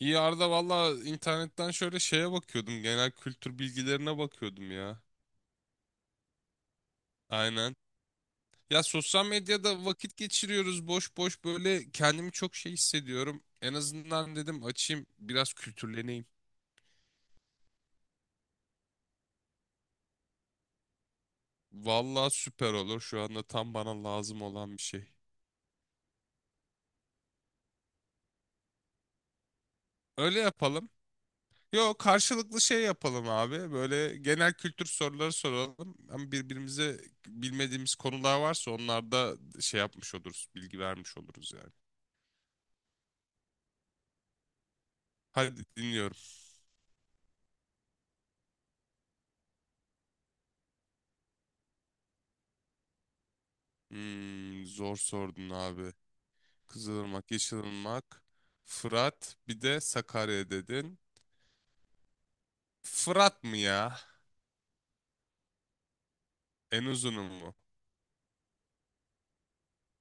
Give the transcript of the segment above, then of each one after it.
İyi Arda valla internetten şöyle bakıyordum. Genel kültür bilgilerine bakıyordum ya. Aynen. Ya sosyal medyada vakit geçiriyoruz boş boş böyle kendimi çok hissediyorum. En azından dedim açayım biraz kültürleneyim. Valla süper olur, şu anda tam bana lazım olan bir şey. Öyle yapalım. Yo karşılıklı şey yapalım abi. Böyle genel kültür soruları soralım. Ama birbirimize bilmediğimiz konular varsa onlar da şey yapmış oluruz. Bilgi vermiş oluruz yani. Hadi dinliyorum. Hmm, zor sordun abi. Kızılırmak, Yeşilırmak, Fırat, bir de Sakarya dedin. Fırat mı ya? En uzunu mu?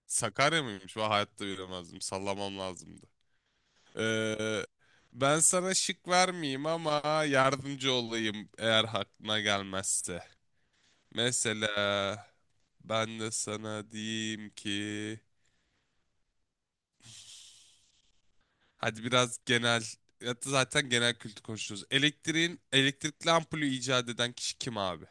Sakarya mıymış? Ben hayatta bilemezdim. Sallamam lazımdı. Ee, Ben sana şık vermeyeyim ama yardımcı olayım eğer aklına gelmezse. Mesela ben de sana diyeyim ki... Hadi biraz genel... ya da zaten genel kültür konuşuyoruz. Elektriğin, elektrikli ampulü icat eden kişi kim abi?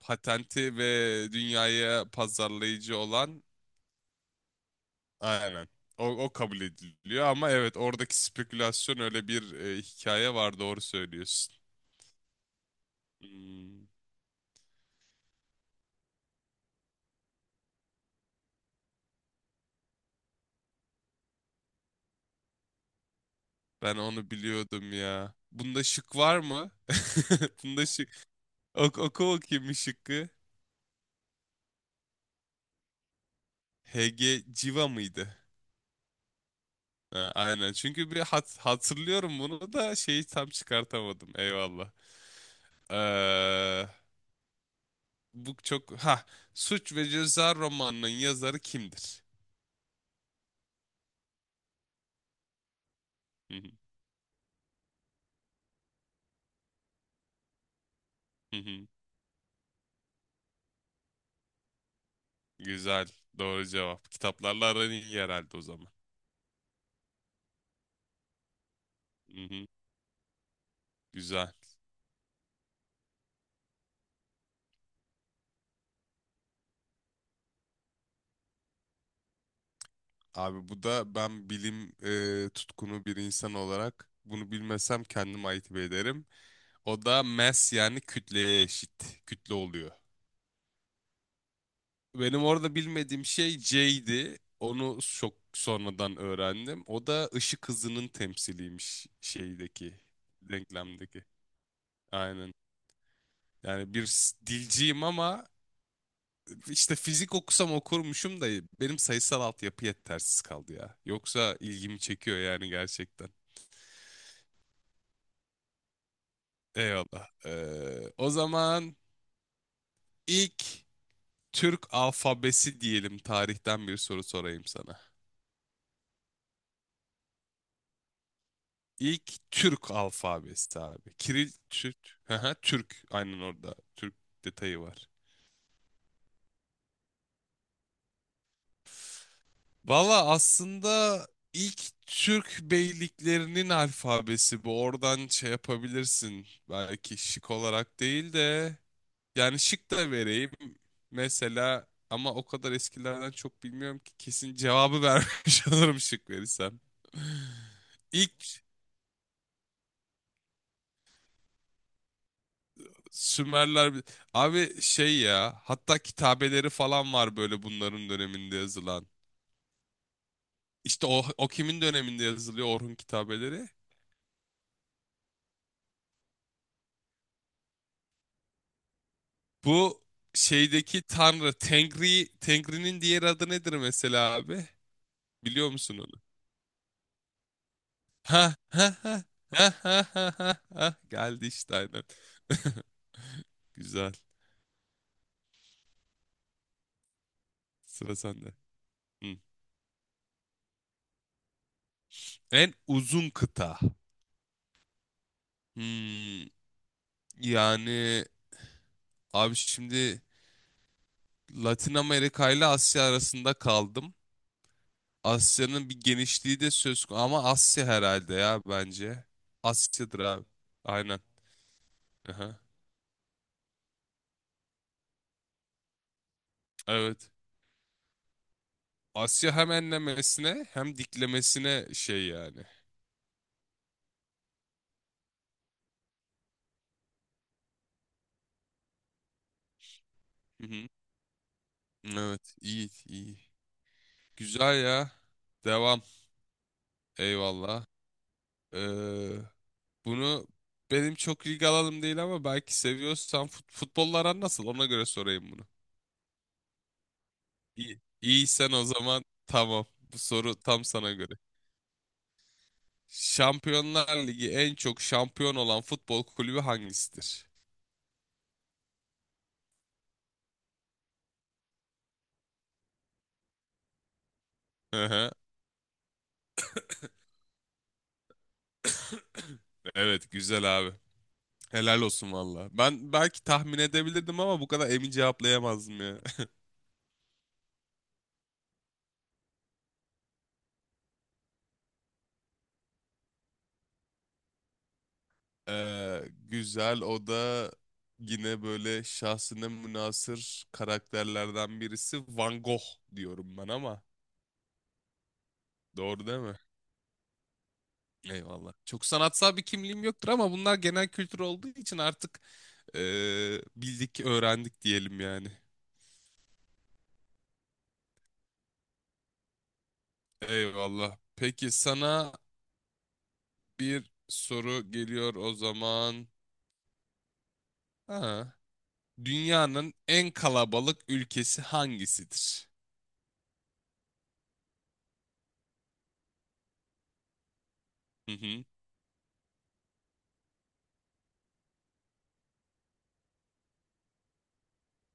Patenti ve dünyaya pazarlayıcı olan, aynen. O kabul ediliyor ama evet, oradaki spekülasyon öyle bir hikaye var, doğru söylüyorsun. Hmm, ben onu biliyordum ya. Bunda şık var mı? Bunda şık. Ok oku bakayım bir şıkkı. HG civa mıydı? Ha, aynen. Çünkü bir hatırlıyorum bunu da tam çıkartamadım. Eyvallah. Ee, bu çok ha Suç ve Ceza romanının yazarı kimdir? Hı hı, hı hı. Güzel. Doğru cevap. Kitaplarla aran iyi herhalde o zaman. Hı hı. Güzel. Abi bu da, ben tutkunu bir insan olarak bunu bilmesem kendim ayıp ederim. O da mass, yani kütleye eşit. Kütle oluyor. Benim orada bilmediğim şey J'di. Onu çok sonradan öğrendim. O da ışık hızının temsiliymiş, denklemdeki. Aynen. Yani bir dilciyim ama İşte fizik okusam okurmuşum da benim sayısal altyapı yetersiz kaldı ya. Yoksa ilgimi çekiyor yani, gerçekten. Eyvallah. O zaman ilk Türk alfabesi diyelim, tarihten bir soru sorayım sana. İlk Türk alfabesi abi. Kiril Türk. Hı hı, Türk. Aynen orada. Türk detayı var. Valla aslında ilk Türk beyliklerinin alfabesi bu. Oradan şey yapabilirsin. Belki şık olarak değil de, yani şık da vereyim. Mesela, ama o kadar eskilerden çok bilmiyorum ki kesin cevabı vermiş olurum şık verirsem. İlk Sümerler abi, şey ya, hatta kitabeleri falan var böyle bunların döneminde yazılan. İşte o kimin döneminde yazılıyor Orhun kitabeleri? Bu şeydeki tanrı Tengri'nin diğer adı nedir mesela abi? Biliyor musun onu? Ha ha ha ha ha ha ha ha. Geldi işte, aynen. Güzel. Sıra sende. Hı. En uzun kıta. Hmm, yani abi şimdi Latin Amerika ile Asya arasında kaldım. Asya'nın bir genişliği de söz konusu ama Asya herhalde ya, bence. Asya'dır abi. Aynen. Aha. Evet. Asya hem enlemesine hem diklemesine şey yani. Hı hı. Evet, iyi, iyi. Güzel ya. Devam. Eyvallah. Ee, Bunu benim çok ilgi alanım değil ama belki seviyorsan futbolla aran nasıl? Ona göre sorayım bunu. İyi. İyiysen o zaman tamam. Bu soru tam sana göre. Şampiyonlar Ligi en çok şampiyon olan futbol kulübü hangisidir? Hı hı. Evet, güzel abi. Helal olsun valla. Ben belki tahmin edebilirdim ama bu kadar emin cevaplayamazdım ya. Ee, Güzel, o da yine böyle şahsına münhasır karakterlerden birisi, Van Gogh diyorum ben ama. Doğru değil mi? Eyvallah. Çok sanatsal bir kimliğim yoktur ama bunlar genel kültür olduğu için artık bildik, öğrendik diyelim yani. Eyvallah. Peki sana bir soru geliyor o zaman. Ha. Dünyanın en kalabalık ülkesi hangisidir? Hı hı.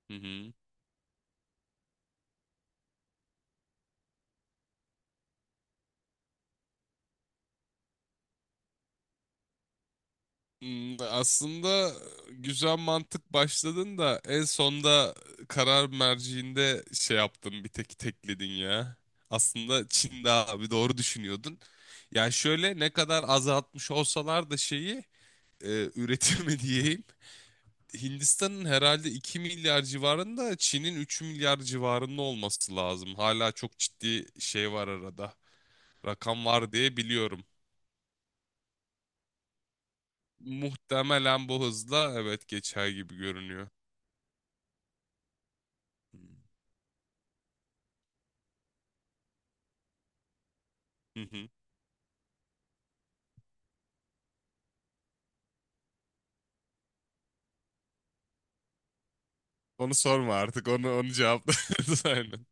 Hı hı. Hmm, aslında güzel mantık başladın da en sonda karar merciinde şey yaptın, bir tek tekledin ya. Aslında Çin'de abi, doğru düşünüyordun. Yani şöyle, ne kadar azaltmış olsalar da üretimi diyeyim. Hindistan'ın herhalde 2 milyar civarında, Çin'in 3 milyar civarında olması lazım. Hala çok ciddi şey var arada. Rakam var diye biliyorum. Muhtemelen bu hızla evet geçer gibi görünüyor. Hmm. Hı hı. Onu sorma artık. Onu cevapla. Aynen.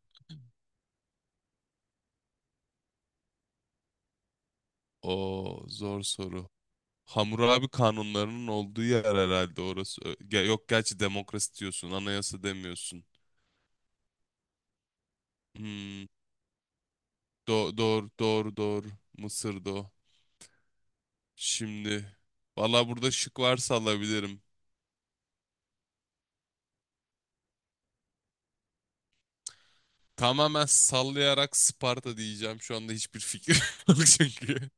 O zor soru. Hammurabi kanunlarının olduğu yer herhalde orası. Yok gerçi demokrasi diyorsun, anayasa demiyorsun. Hmm. Doğru, doğru, doğru. Mısır'da o. Şimdi. Valla burada şık varsa alabilirim. Tamamen sallayarak Sparta diyeceğim. Şu anda hiçbir fikrim yok çünkü.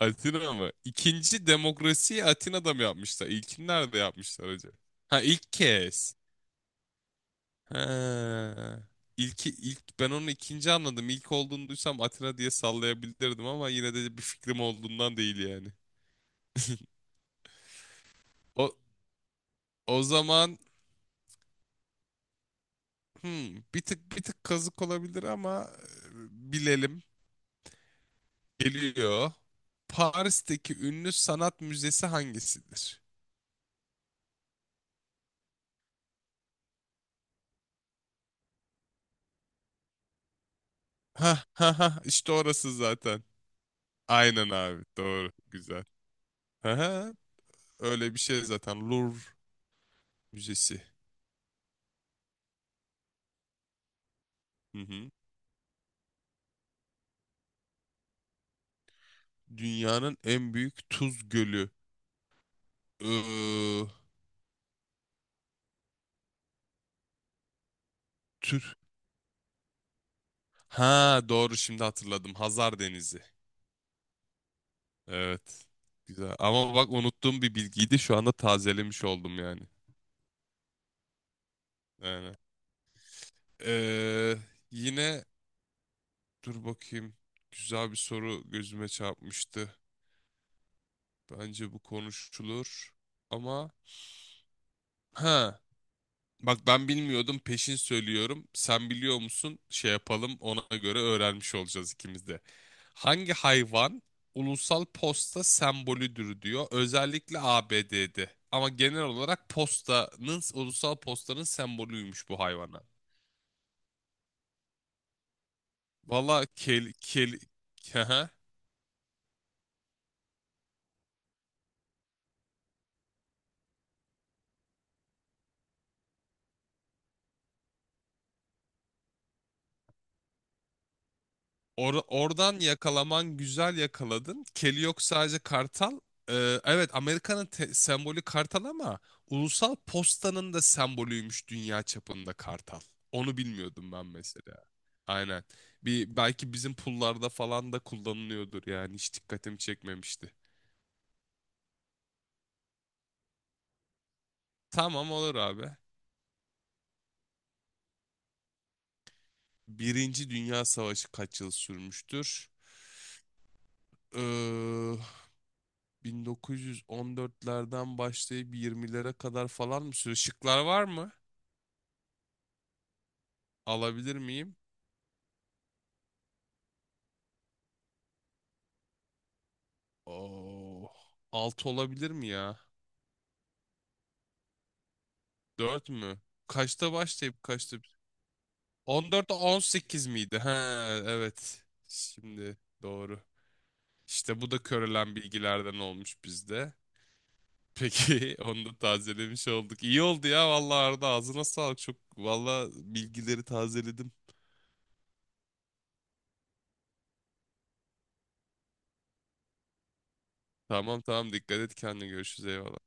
Atina mı? İkinci demokrasiyi Atina'da mı yapmışlar? İlkini nerede yapmışlar acaba? Ha, ilk kez. He. İlki, ben onu ikinci anladım. İlk olduğunu duysam Atina diye sallayabilirdim ama yine de bir fikrim olduğundan değil yani. O o zaman hmm, bir tık kazık olabilir ama bilelim. Geliyor. Paris'teki ünlü sanat müzesi hangisidir? Ha ha ha, işte orası zaten. Aynen abi, doğru, güzel. Ha ha, öyle bir şey zaten, Louvre Müzesi. Hı hı. Dünyanın en büyük tuz gölü. Iıı, Tür. Ha doğru, şimdi hatırladım. Hazar Denizi. Evet. Güzel. Ama bak, unuttuğum bir bilgiydi. Şu anda tazelemiş oldum yani. Aynen. Ee, Yine dur bakayım. Güzel bir soru gözüme çarpmıştı. Bence bu konuşulur. Ama ha Bak ben bilmiyordum, peşin söylüyorum. Sen biliyor musun? Şey yapalım, ona göre öğrenmiş olacağız ikimiz de. Hangi hayvan ulusal posta sembolüdür diyor. Özellikle ABD'de. Ama genel olarak postanın, ulusal postanın sembolüymüş bu hayvana. Valla Oradan yakalaman, güzel yakaladın. Keli yok, sadece kartal. Evet, Amerika'nın sembolü kartal ama ulusal postanın da sembolüymüş dünya çapında, kartal. Onu bilmiyordum ben mesela. Aynen. Bir, belki bizim pullarda falan da kullanılıyordur yani, hiç dikkatimi çekmemişti. Tamam olur abi. Birinci Dünya Savaşı kaç yıl sürmüştür? Ee, 1914'lerden başlayıp 20'lere kadar falan mı sürüyor? Şıklar var mı? Alabilir miyim? Oh. 6 olabilir mi ya? 4 mü? Kaçta başlayıp kaçta? 14'te 18 miydi? He, evet. Şimdi doğru. İşte bu da körelen bilgilerden olmuş bizde. Peki onu da tazelemiş olduk. İyi oldu ya vallahi Arda, ağzına sağlık. Çok vallahi, bilgileri tazeledim. Tamam tamam, dikkat et kendine, görüşürüz, eyvallah.